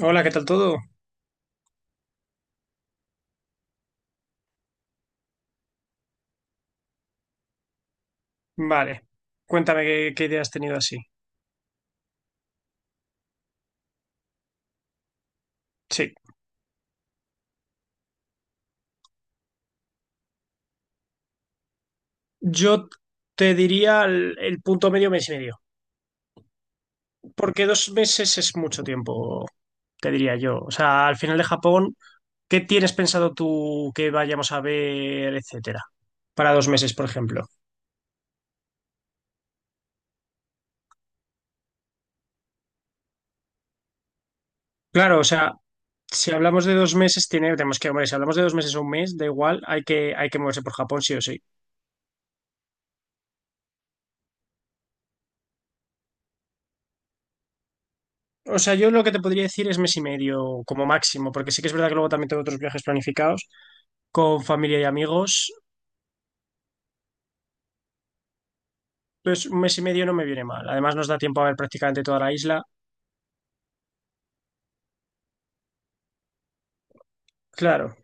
Hola, ¿qué tal todo? Vale, cuéntame qué idea has tenido así. Sí, yo te diría el punto medio, mes y medio, porque dos meses es mucho tiempo, te diría yo. O sea, al final de Japón, ¿qué tienes pensado tú que vayamos a ver, etcétera? Para dos meses, por ejemplo. Claro, o sea, si hablamos de dos meses, tenemos que, hombre, si hablamos de dos meses o un mes, da igual, hay que moverse por Japón, sí o sí. O sea, yo lo que te podría decir es mes y medio como máximo, porque sí que es verdad que luego también tengo otros viajes planificados con familia y amigos, pues un mes y medio no me viene mal. Además, nos da tiempo a ver prácticamente toda la isla. Claro,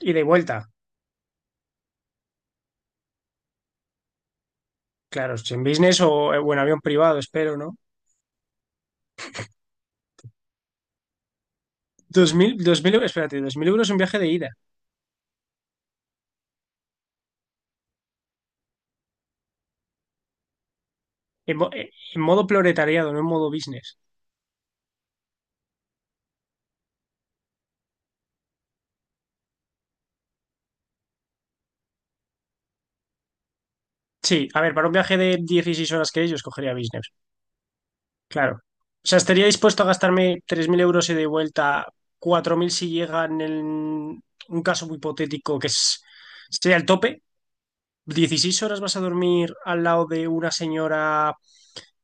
ida y vuelta. Claro, si en business o en avión privado, espero, ¿no? 2000, 2000, espérate, 2000 euros un viaje de ida. En modo proletariado, no en modo business. Sí, a ver, para un viaje de 16 horas que ellos cogería business. Claro. O sea, estaría dispuesto a gastarme 3.000 euros ida y de vuelta, 4.000 si llegan en un caso muy hipotético que es, sería el tope, 16 horas vas a dormir al lado de una señora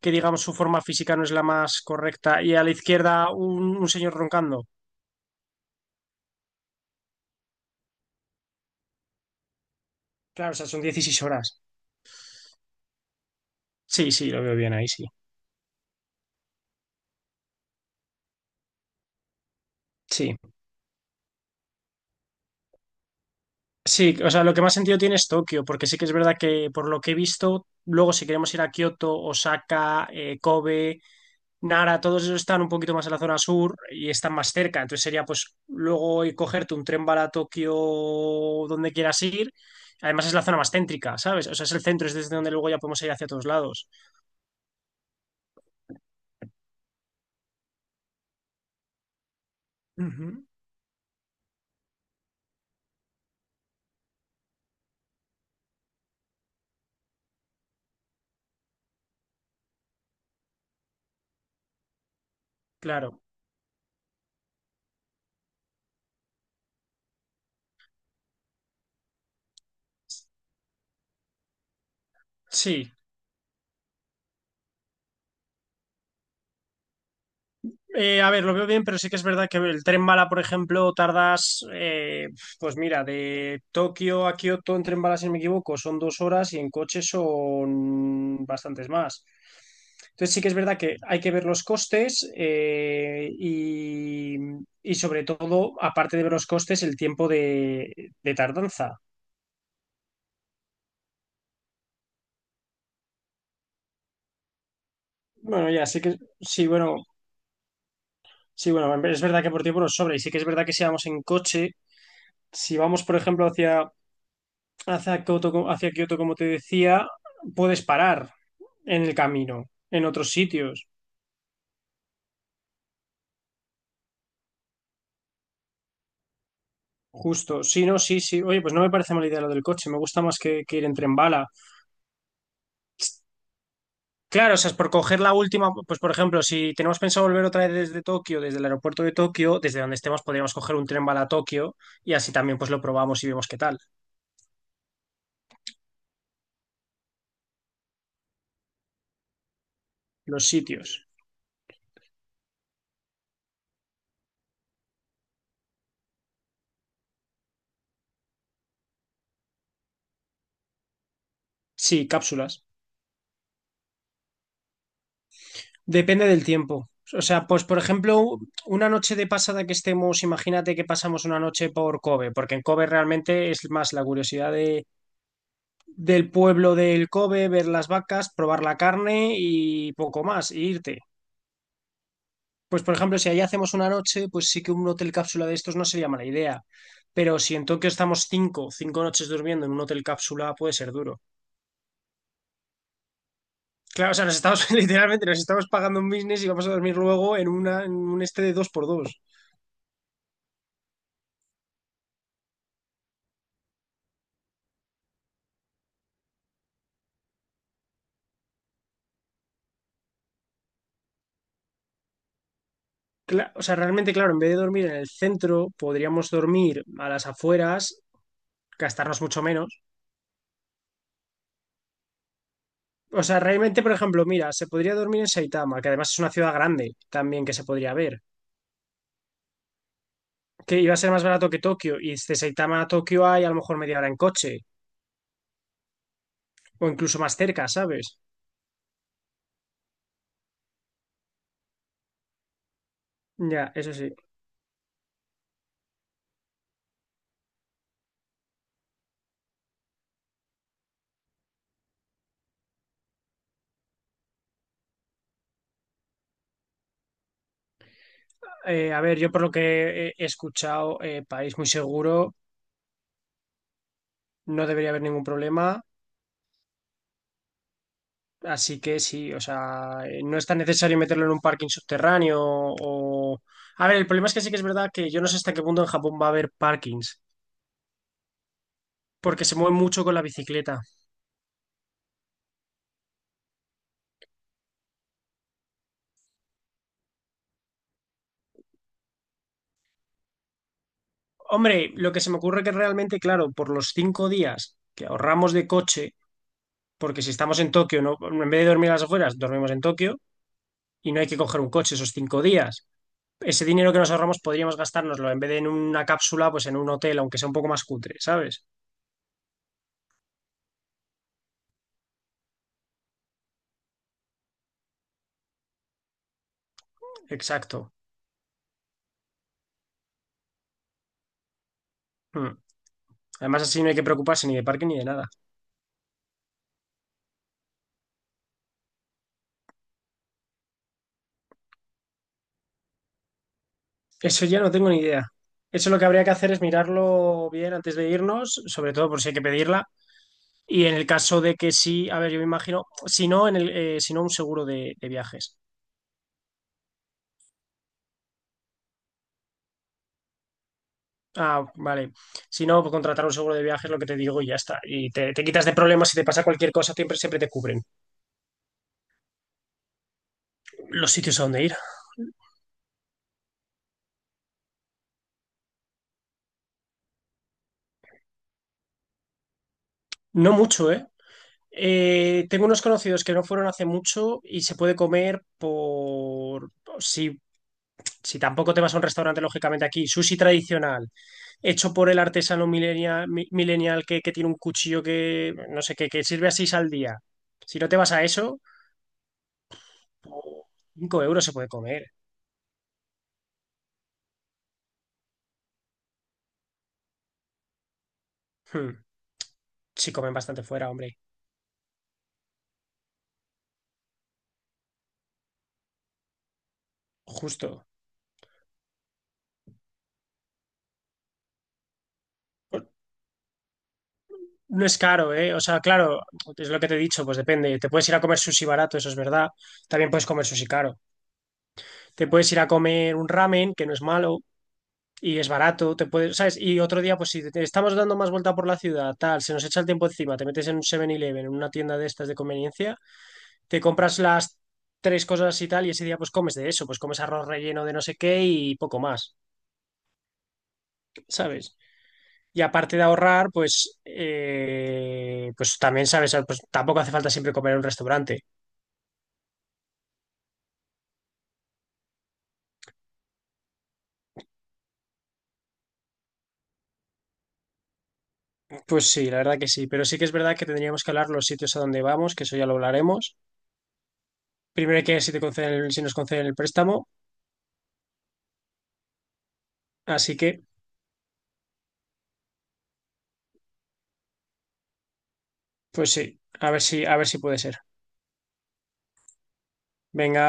que, digamos, su forma física no es la más correcta y a la izquierda un señor roncando. Claro, o sea, son dieciséis horas. Sí, sí, lo veo bien ahí, sí. Sí, sí, o sea, lo que más sentido tiene es Tokio, porque sí que es verdad que por lo que he visto, luego si queremos ir a Kioto, Osaka, Kobe, Nara, todos esos están un poquito más en la zona sur y están más cerca. Entonces sería pues luego ir cogerte un tren para Tokio donde quieras ir. Además es la zona más céntrica, ¿sabes? O sea, es el centro, es desde donde luego ya podemos ir hacia todos lados. Ujú. Claro, sí. A ver, lo veo bien, pero sí que es verdad que el tren bala, por ejemplo, tardas, pues mira, de Tokio a Kioto en tren bala, si no me equivoco, son dos horas y en coche son bastantes más. Entonces sí que es verdad que hay que ver los costes y sobre todo, aparte de ver los costes, el tiempo de tardanza. Bueno, ya, sí que sí, bueno, sí, bueno, es verdad que por tiempo nos sobra y sí que es verdad que si vamos en coche, si vamos, por ejemplo, hacia hacia Kioto, como te decía, puedes parar en el camino, en otros sitios. Justo, sí, no, sí, sí. Oye, pues no me parece mala idea lo del coche, me gusta más que ir en tren bala. Claro, o sea, es por coger la última, pues por ejemplo, si tenemos pensado volver otra vez desde Tokio, desde el aeropuerto de Tokio, desde donde estemos podríamos coger un tren bala a Tokio y así también pues lo probamos y vemos qué tal, los sitios. Sí, cápsulas. Depende del tiempo. O sea, pues por ejemplo, una noche de pasada que estemos, imagínate que pasamos una noche por Kobe, porque en Kobe realmente es más la curiosidad del pueblo del Kobe, ver las vacas, probar la carne y poco más, e irte. Pues por ejemplo, si allí hacemos una noche, pues sí que un hotel cápsula de estos no sería mala idea. Pero si en Tokio estamos cinco noches durmiendo en un hotel cápsula, puede ser duro. Claro, o sea, nos estamos, literalmente, nos estamos pagando un business y vamos a dormir luego en una, en un este de dos por dos. O sea, realmente, claro, en vez de dormir en el centro, podríamos dormir a las afueras, gastarnos mucho menos. O sea, realmente, por ejemplo, mira, se podría dormir en Saitama, que además es una ciudad grande también que se podría ver, que iba a ser más barato que Tokio, y de Saitama a Tokio hay a lo mejor media hora en coche, o incluso más cerca, ¿sabes? Ya, eso sí. A ver, yo por lo que he escuchado, país muy seguro, no debería haber ningún problema. Así que sí, o sea, no es tan necesario meterlo en un parking subterráneo o... A ver, el problema es que sí que es verdad que yo no sé hasta qué punto en Japón va a haber parkings, porque se mueve mucho con la bicicleta. Hombre, lo que se me ocurre que realmente, claro, por los cinco días que ahorramos de coche, porque si estamos en Tokio, ¿no? En vez de dormir a las afueras, dormimos en Tokio y no hay que coger un coche esos cinco días. Ese dinero que nos ahorramos podríamos gastárnoslo en vez de en una cápsula, pues en un hotel, aunque sea un poco más cutre, ¿sabes? Exacto. Hmm. Además, así no hay que preocuparse ni de parque ni de nada. Eso ya no tengo ni idea. Eso lo que habría que hacer es mirarlo bien antes de irnos, sobre todo por si hay que pedirla. Y en el caso de que sí, a ver, yo me imagino, si no, si no un seguro de viajes. Ah, vale. Si no, pues contratar un seguro de viajes, lo que te digo, y ya está. Y te quitas de problemas, si te pasa cualquier cosa, siempre, siempre te cubren los sitios a donde ir. No mucho, ¿eh? Tengo unos conocidos que no fueron hace mucho y se puede comer por... Si si tampoco te vas a un restaurante, lógicamente aquí, sushi tradicional, hecho por el artesano millennial, millennial que tiene un cuchillo que, no sé, qué que sirve a seis al día. Si no te vas a eso, cinco euros se puede comer. Hmm. Si comen bastante fuera, hombre. Justo. No es caro, ¿eh? O sea, claro, es lo que te he dicho, pues depende. Te puedes ir a comer sushi barato, eso es verdad. También puedes comer sushi caro. Te puedes ir a comer un ramen, que no es malo. Y es barato, te puedes, ¿sabes? Y otro día, pues si te- estamos dando más vuelta por la ciudad, tal, se nos echa el tiempo encima, te metes en un Seven eleven en una tienda de estas de conveniencia, te compras las tres cosas y tal, y ese día pues comes de eso, pues comes arroz relleno de no sé qué y poco más, ¿sabes? Y aparte de ahorrar, pues, pues también, ¿sabes? Pues tampoco hace falta siempre comer en un restaurante. Pues sí, la verdad que sí, pero sí que es verdad que tendríamos que hablar los sitios a donde vamos, que eso ya lo hablaremos. Primero hay que ver si te conceden, si nos conceden el préstamo, así que... Pues sí, a ver si puede ser. Venga.